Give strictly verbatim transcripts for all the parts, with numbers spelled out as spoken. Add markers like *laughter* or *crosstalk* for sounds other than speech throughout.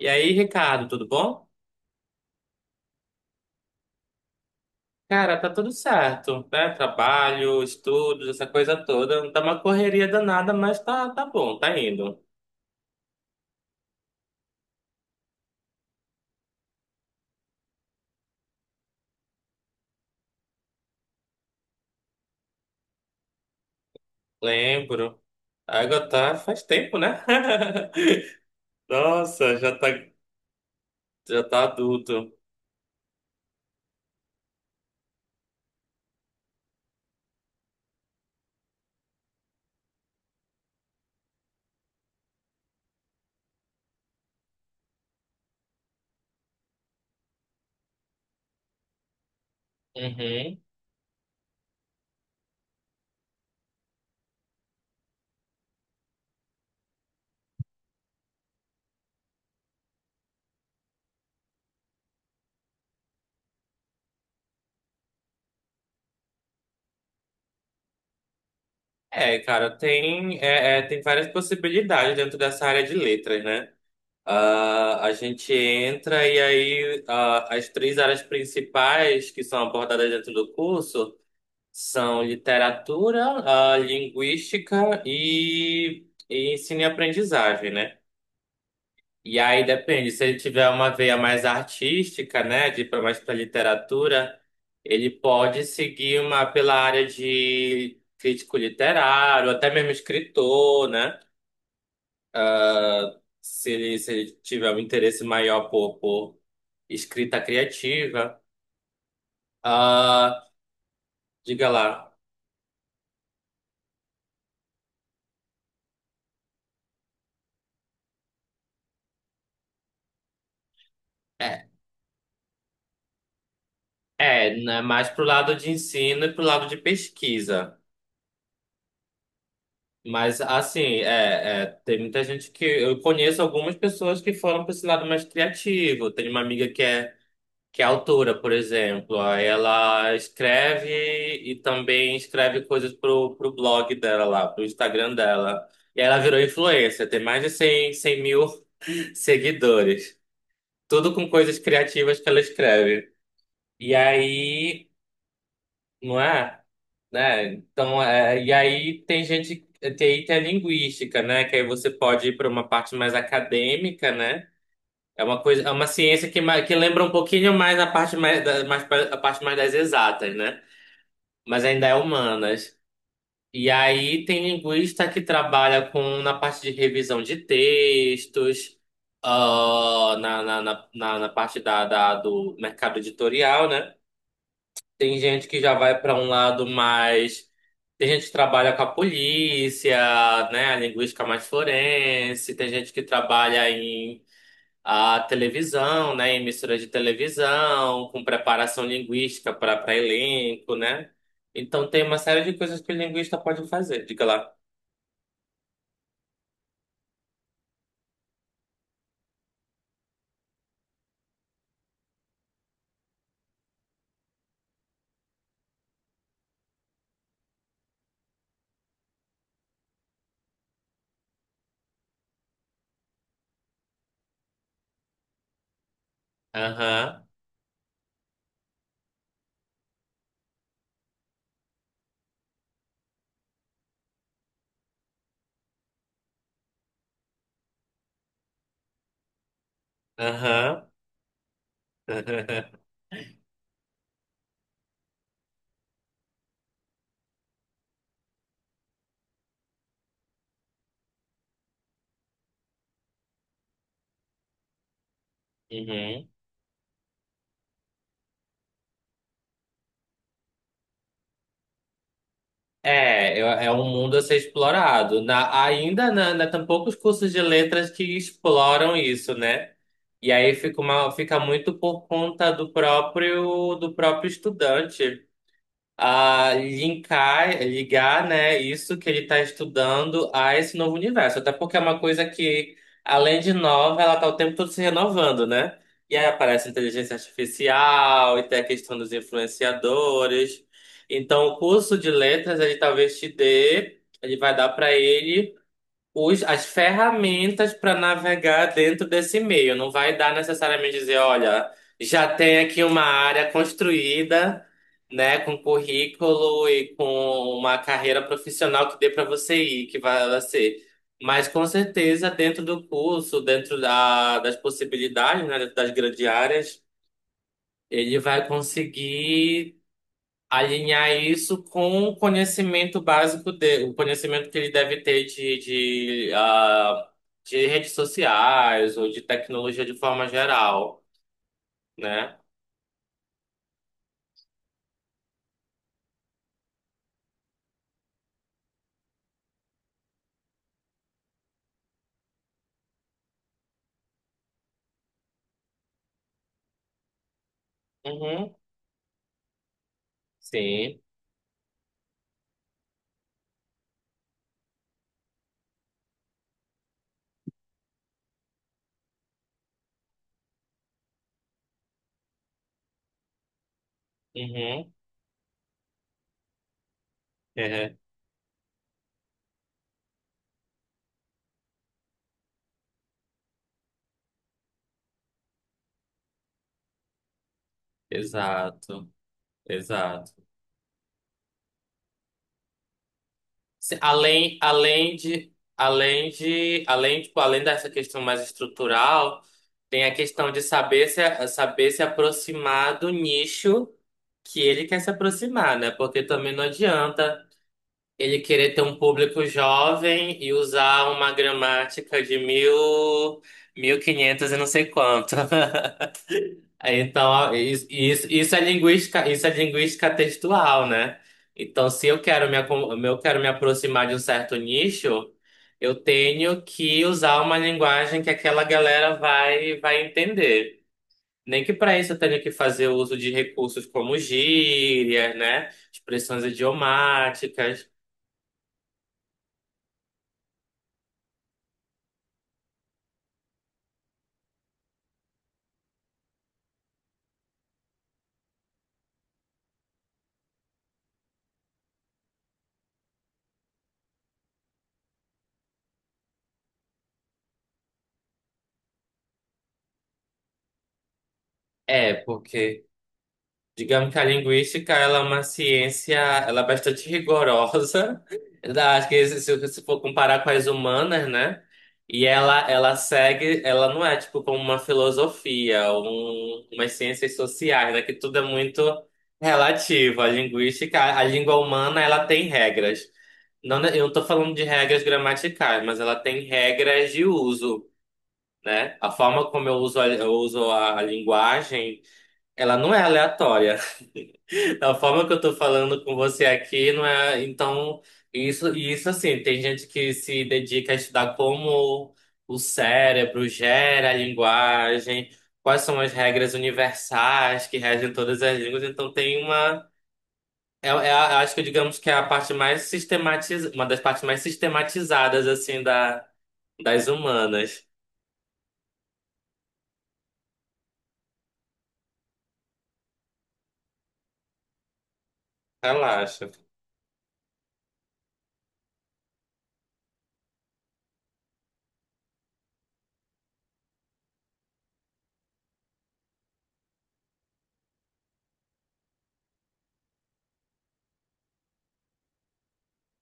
E aí, Ricardo, tudo bom? Cara, tá tudo certo, né? Trabalho, estudos, essa coisa toda. Tá uma correria danada, mas tá, tá bom, tá indo. Lembro. A água tá faz tempo, né? *laughs* Nossa, já tá, já tá adulto. Uhum. É, cara, tem, é, é, tem várias possibilidades dentro dessa área de letras, né? Ah, a gente entra e aí ah, as três áreas principais que são abordadas dentro do curso. São literatura, ah, linguística e, e ensino e aprendizagem, né? E aí depende, se ele tiver uma veia mais artística, né, de ir pra- mais para literatura, ele pode seguir uma pela área de crítico literário, até mesmo escritor, né? Se ele, se ele tiver um interesse maior por, por escrita criativa. Ah, diga lá. É, é, né, mais pro lado de ensino e pro lado de pesquisa. Mas, assim, é, é, tem muita gente que. Eu conheço algumas pessoas que foram para esse lado mais criativo. Tem uma amiga que é, que é autora, por exemplo. Aí ela escreve e também escreve coisas pro, pro blog dela lá, pro Instagram dela. E ela virou influencer, tem mais de cem cem mil *laughs* seguidores. Tudo com coisas criativas que ela escreve. E aí, não é? Né? Então, é, e aí tem gente, tem, tem a linguística, né? Que aí você pode ir para uma parte mais acadêmica, né? É uma coisa, é uma ciência que, ma- que lembra um pouquinho mais a parte mais, da, mais pra- a parte mais das exatas, né? Mas ainda é humanas. E aí tem linguista que trabalha com na parte de revisão de textos, ah, na, na, na, na na parte da, da, do mercado editorial, né? Tem gente que já vai para um lado mais. Tem gente que trabalha com a polícia, né? A linguística mais forense. Tem gente que trabalha em a televisão, né? Em emissoras de televisão, com preparação linguística para para elenco, né? Então tem uma série de coisas que o linguista pode fazer. Diga lá. Aham, aham. *laughs* Uhum. É, é é um mundo a ser explorado. Na, ainda na, na, tem poucos cursos de letras que exploram isso, né? E aí fica, uma, fica muito por conta do próprio, do próprio, estudante a linkar, ligar, né, isso que ele está estudando a esse novo universo. Até porque é uma coisa que, além de nova, ela está o tempo todo se renovando, né? E aí aparece inteligência artificial, e tem a questão dos influenciadores. Então, o curso de letras, ele talvez te dê, ele vai dar para ele os, as ferramentas para navegar dentro desse meio. Não vai dar necessariamente dizer, olha, já tem aqui uma área construída, né, com currículo e com uma carreira profissional que dê para você ir, que vai ser. Mas com certeza dentro do curso, dentro da, das possibilidades, né, dentro das grandes áreas, ele vai conseguir alinhar isso com o conhecimento básico dele, o conhecimento que ele deve ter de, de, ah, de redes sociais ou de tecnologia de forma geral, né? Uhum, sim, uhum, é, exato, exato. Se- Além, além de, além de, além, tipo, além dessa questão mais estrutural, tem a questão de saber se, saber se aproximar do nicho que ele quer se aproximar, né? Porque também não adianta ele querer ter um público jovem e usar uma gramática de mil, mil e quinhentos e não sei quanto. *laughs* Então, ó, isso, isso, isso é linguística, isso é linguística textual, né? Então, se eu quero me, acom- eu quero me aproximar de um certo nicho, eu tenho que usar uma linguagem que aquela galera vai, vai entender. Nem que para isso eu tenha que fazer uso de recursos como gírias, né? Expressões idiomáticas. É, porque digamos que a linguística, ela é uma ciência, ela é bastante rigorosa, *laughs* da- acho que se, se se for comparar com as humanas, né? E ela, ela segue, ela não é tipo como uma filosofia, um, umas ciências sociais, né? Que tudo é muito relativo. A linguística, a, a língua humana, ela tem regras. Não, ne- eu não tô falando de regras gramaticais, mas ela tem regras de uso, né? A forma como eu uso a, eu uso a a linguagem, ela não é aleatória. A forma que eu tô falando com você aqui não é. Então, isso, e isso assim, tem gente que se dedica a estudar como o cérebro gera a linguagem, quais são as regras universais que regem todas as línguas. Então, tem uma. É, é a- eu acho que digamos que é a parte mais sistematiz, uma das partes mais sistematizadas, assim, da, das humanas. Relaxa.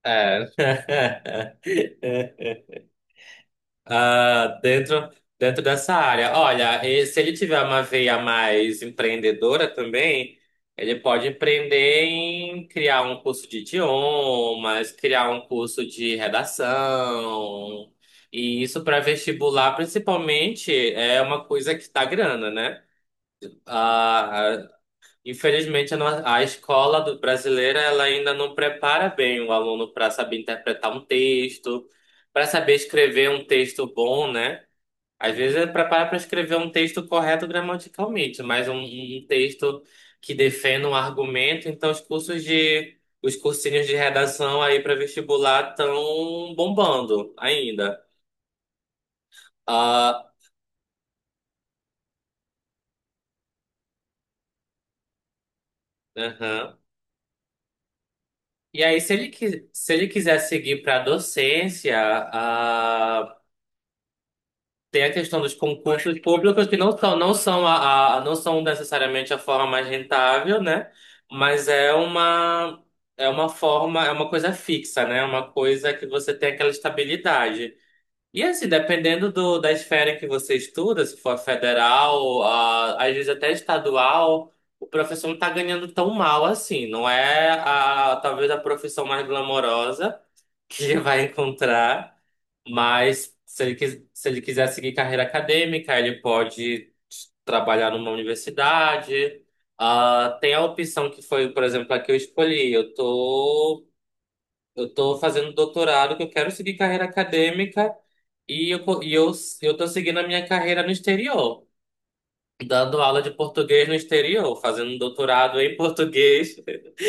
É. *laughs* Ah, dentro, dentro dessa área. Olha, e se ele tiver uma veia mais empreendedora também, ele pode empreender em criar um curso de idiomas, criar um curso de redação. E isso para vestibular, principalmente, é uma coisa que dá grana, né? Ah, ah, infelizmente, a, no- a escola do brasileira ela ainda não prepara bem o aluno para saber interpretar um texto, para saber escrever um texto bom, né? Às vezes é preparar para escrever um texto correto gramaticalmente, mas um, um um texto que defenda um argumento. Então, os cursos de, os cursinhos de redação aí para vestibular estão bombando ainda. Ah, aham. E aí, se ele, qui- se ele quiser seguir para docência, ah, tem a questão dos concursos públicos que não são, não são a, a- não são necessariamente a forma mais rentável, né? Mas é uma é uma forma, é uma coisa fixa, né? É uma coisa que você tem aquela estabilidade. E assim, dependendo do, da esfera em que você estuda, se for federal, a, às vezes até estadual, o professor não está ganhando tão mal assim. Não é a, talvez a profissão mais glamourosa que *laughs* vai encontrar. Mas se ele, quis- se ele quiser seguir carreira acadêmica, ele pode trabalhar numa universidade. Ah, tem a opção que foi, por exemplo, a que eu escolhi. Eu tô, eu tô fazendo doutorado, que eu quero seguir carreira acadêmica e eu, co- e eu, eu tô seguindo a minha carreira no exterior, dando aula de português no exterior, fazendo um doutorado em português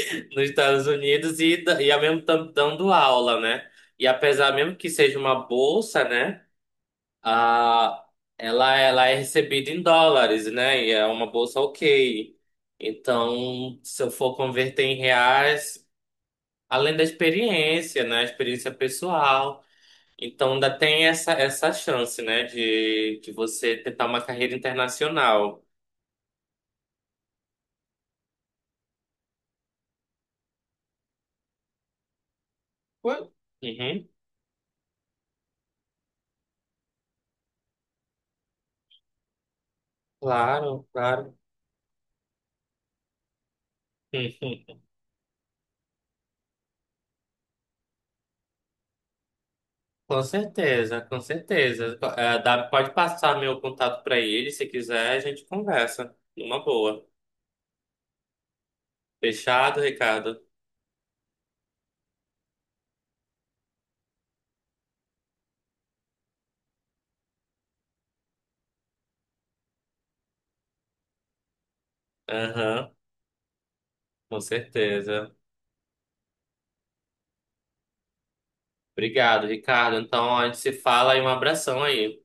*laughs* nos Estados Unidos e, da- e ao mesmo tempo dando aula, né? E apesar mesmo que seja uma bolsa, né? Ah, ela, ela é recebida em dólares, né? E é uma bolsa ok. Então, se eu for converter em reais, além da experiência, né? Experiência pessoal. Então, ainda tem essa, essa, chance, né? De, de você tentar uma carreira internacional. Ué? Uhum, claro, claro. *laughs* Com certeza, com certeza. É, dá- pode passar meu contato para ele, se quiser, a gente conversa. Numa boa. Fechado, Ricardo? Aham, com certeza. Obrigado, Ricardo. Então, a gente se fala e um abração aí.